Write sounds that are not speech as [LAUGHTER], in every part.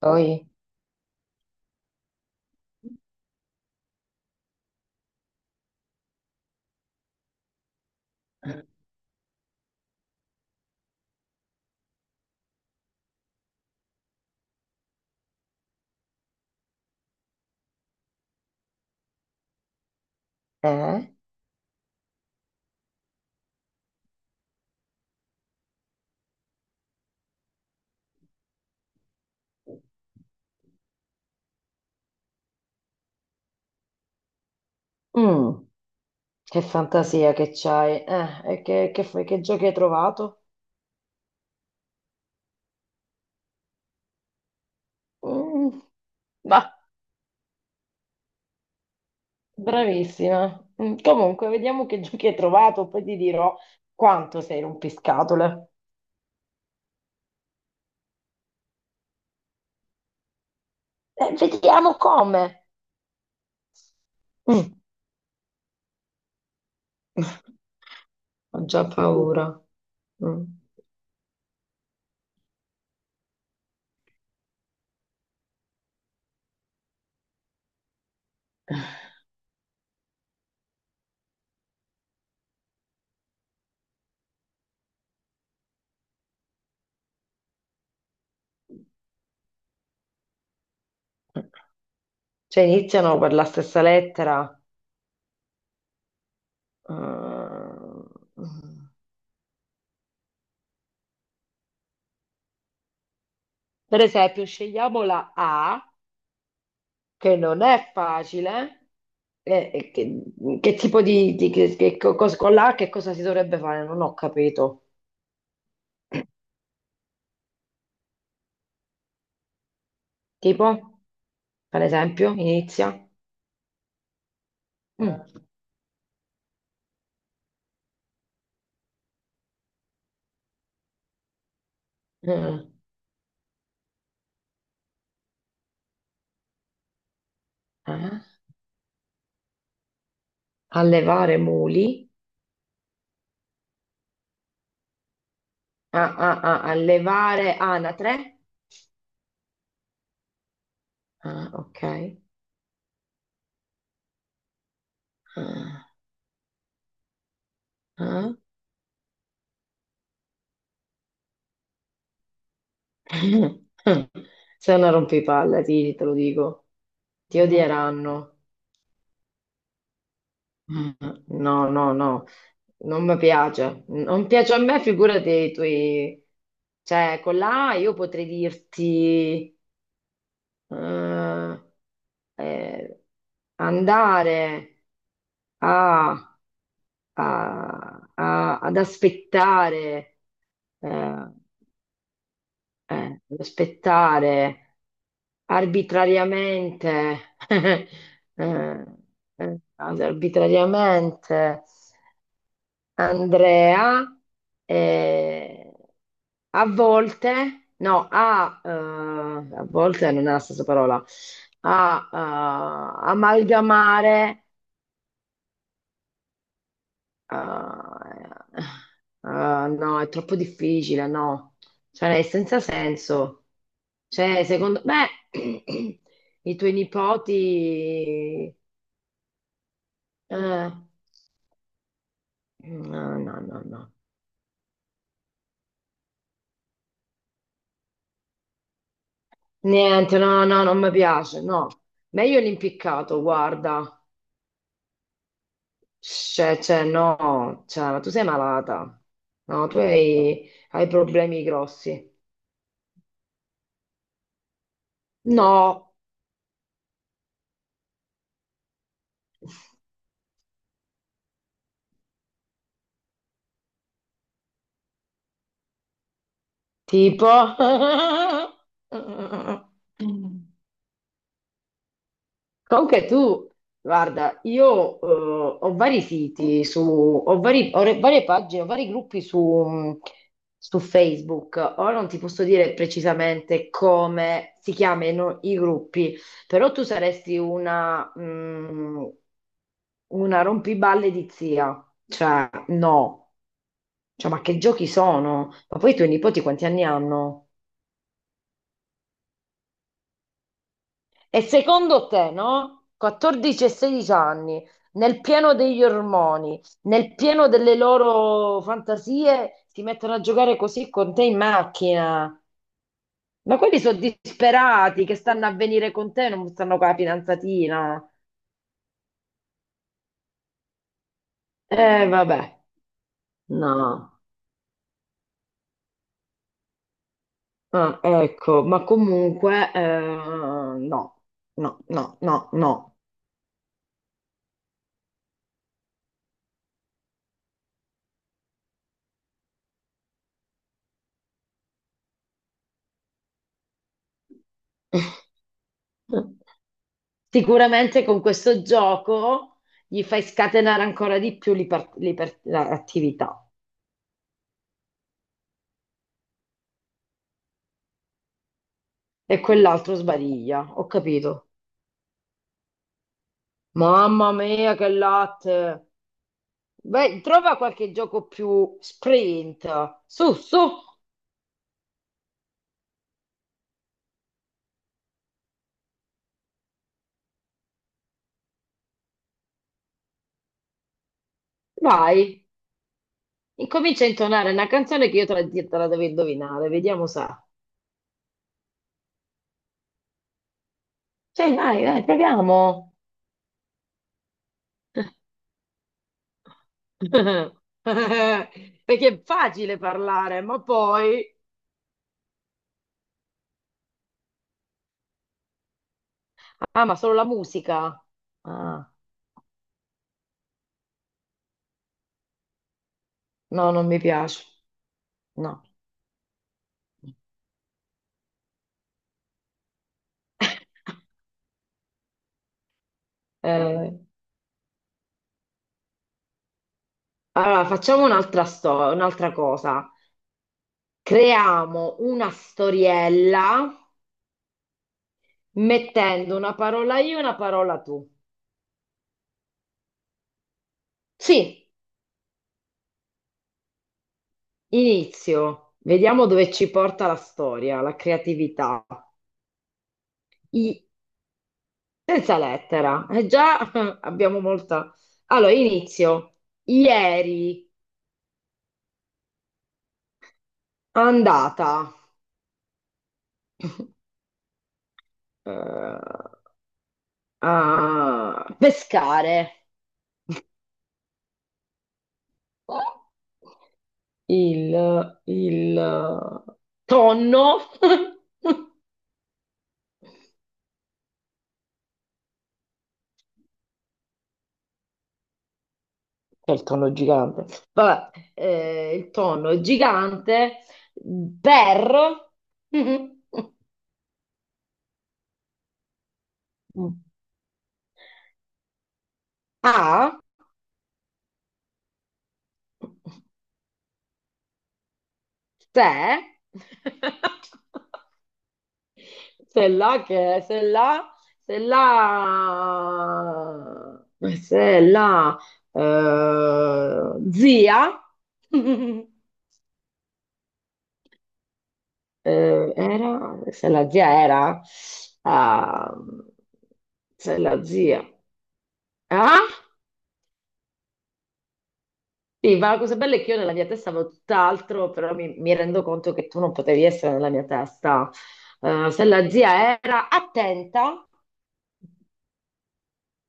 Poi, eh? Mm, che fantasia che c'hai. E che giochi hai trovato? Mm, bah, bravissima. Mm, comunque, vediamo che giochi hai trovato, poi ti dirò quanto sei rompiscatole. Vediamo come. Mm. [LAUGHS] Ho già paura. Mm. Cioè, iniziano per la stessa lettera. Eh, Per esempio, scegliamo la A, che non è facile. Eh, eh, che, che tipo con l'H che cosa si dovrebbe fare? Non ho capito. Tipo, per esempio, inizia. Mm. Mm. Ah, allevare muli, ah, ah, ah, allevare anatre. Ah, ok. Ah, ah. [LAUGHS] Sei una rompipalle, ti, te lo dico. Ti odieranno. Mm. No, no, no, non mi piace. Non piace a me, figurati i tuoi. Cioè, con la A io potrei dirti, eh, eh, andare a- a- a- ad aspettare, eh, ad aspettare arbitrariamente, [LAUGHS] eh, arbitrariamente. Andrea, eh, a volte, no, a, a volte non è la stessa parola, a amalgamare, eh, no, è troppo difficile, no, cioè è senza senso. Cioè, secondo me, [CLEARS THROAT] i tuoi nipoti... eh, no, no, no, no. Niente, no, no, non mi piace, no. Meglio l'impiccato, guarda. Cioè, no, cioè, ma tu sei malata. No, tu hai, hai problemi grossi. No, tipo... [LAUGHS] Comunque tu, guarda, io ho vari siti su, ho, varie pagine, ho vari gruppi su, su Facebook. Ora non ti posso dire precisamente come si chiamano i gruppi, però tu saresti una, mm, una rompiballe di zia. Cioè, no. Cioè, ma che giochi sono? Ma poi i tuoi nipoti quanti anni hanno? E secondo te, no? 14 e 16 anni, nel pieno degli ormoni, nel pieno delle loro fantasie, si mettono a giocare così con te in macchina. Ma quelli sono disperati che stanno a venire con te, non stanno con la fidanzatina. Vabbè, no. Ah, ecco, ma comunque, no, no, no, no, no. [LAUGHS] Sicuramente con questo gioco gli fai scatenare ancora di più l'attività e quell'altro sbariglia, ho capito. Mamma mia, che latte! Beh, trova qualche gioco più sprint. Su, su, vai. Incomincia a intonare una canzone che io te la devo indovinare, vediamo se. Cioè, dai, dai, proviamo. [LAUGHS] Perché è facile parlare, ma poi. Ah, ma solo la musica. Ah. No, non mi piace. No. [LAUGHS] Eh, allora, facciamo un'altra cosa. Creiamo una storiella mettendo una parola io e una parola tu. Sì, inizio. Vediamo dove ci porta la storia, la creatività. I- senza lettera. Già [LAUGHS] abbiamo molta... Allora, inizio. Ieri andata eh, a pescare. il, il tonno, [LAUGHS] che è il tonno gigante, vabbè, il tonno gigante per [LAUGHS] a se [LAUGHS] se là che se là se là se là zia [LAUGHS] era, se la zia era, ah, se la zia, ah, sì, ma la cosa bella è che io nella mia testa avevo tutt'altro, però mi rendo conto che tu non potevi essere nella mia testa. Se la zia era attenta,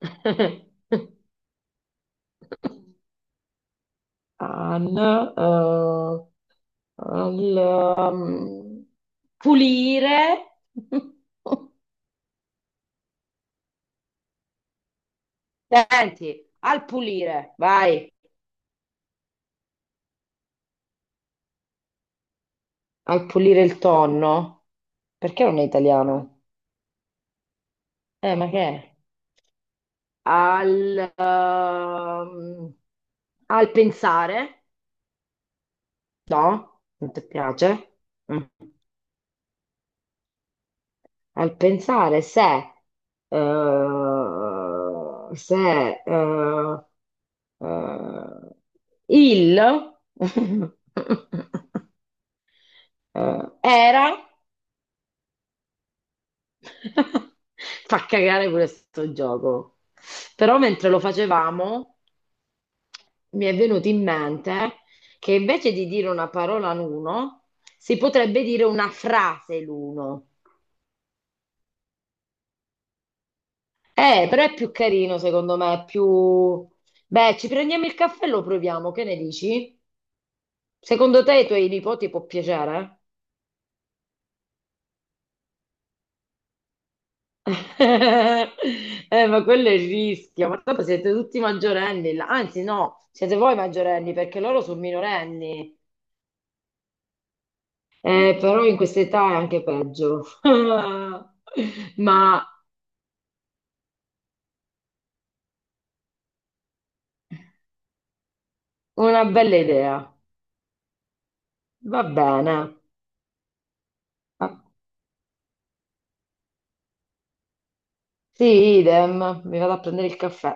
[LAUGHS] an, al, um, pulire, [LAUGHS] attenti, al pulire, vai. Al pulire il tonno? Perché non è italiano? Ma che è? Al, al pensare. No? Non ti piace? Mm. Al pensare se, se eh, eh, il [LAUGHS] era. [LAUGHS] Fa cagare questo gioco. Però mentre lo facevamo mi è venuto in mente che invece di dire una parola l'uno, si potrebbe dire una frase l'uno. Però è più carino secondo me, è più... Beh, ci prendiamo il caffè e lo proviamo, che ne dici? Secondo te ai tuoi nipoti può piacere? [LAUGHS] Ma quello è il rischio, ma dopo siete tutti maggiorenni, là. Anzi no, siete voi maggiorenni perché loro sono minorenni. Però in questa età è anche peggio. [LAUGHS] Ma una bella idea, va bene. Ah, sì, idem, mi vado a prendere il caffè.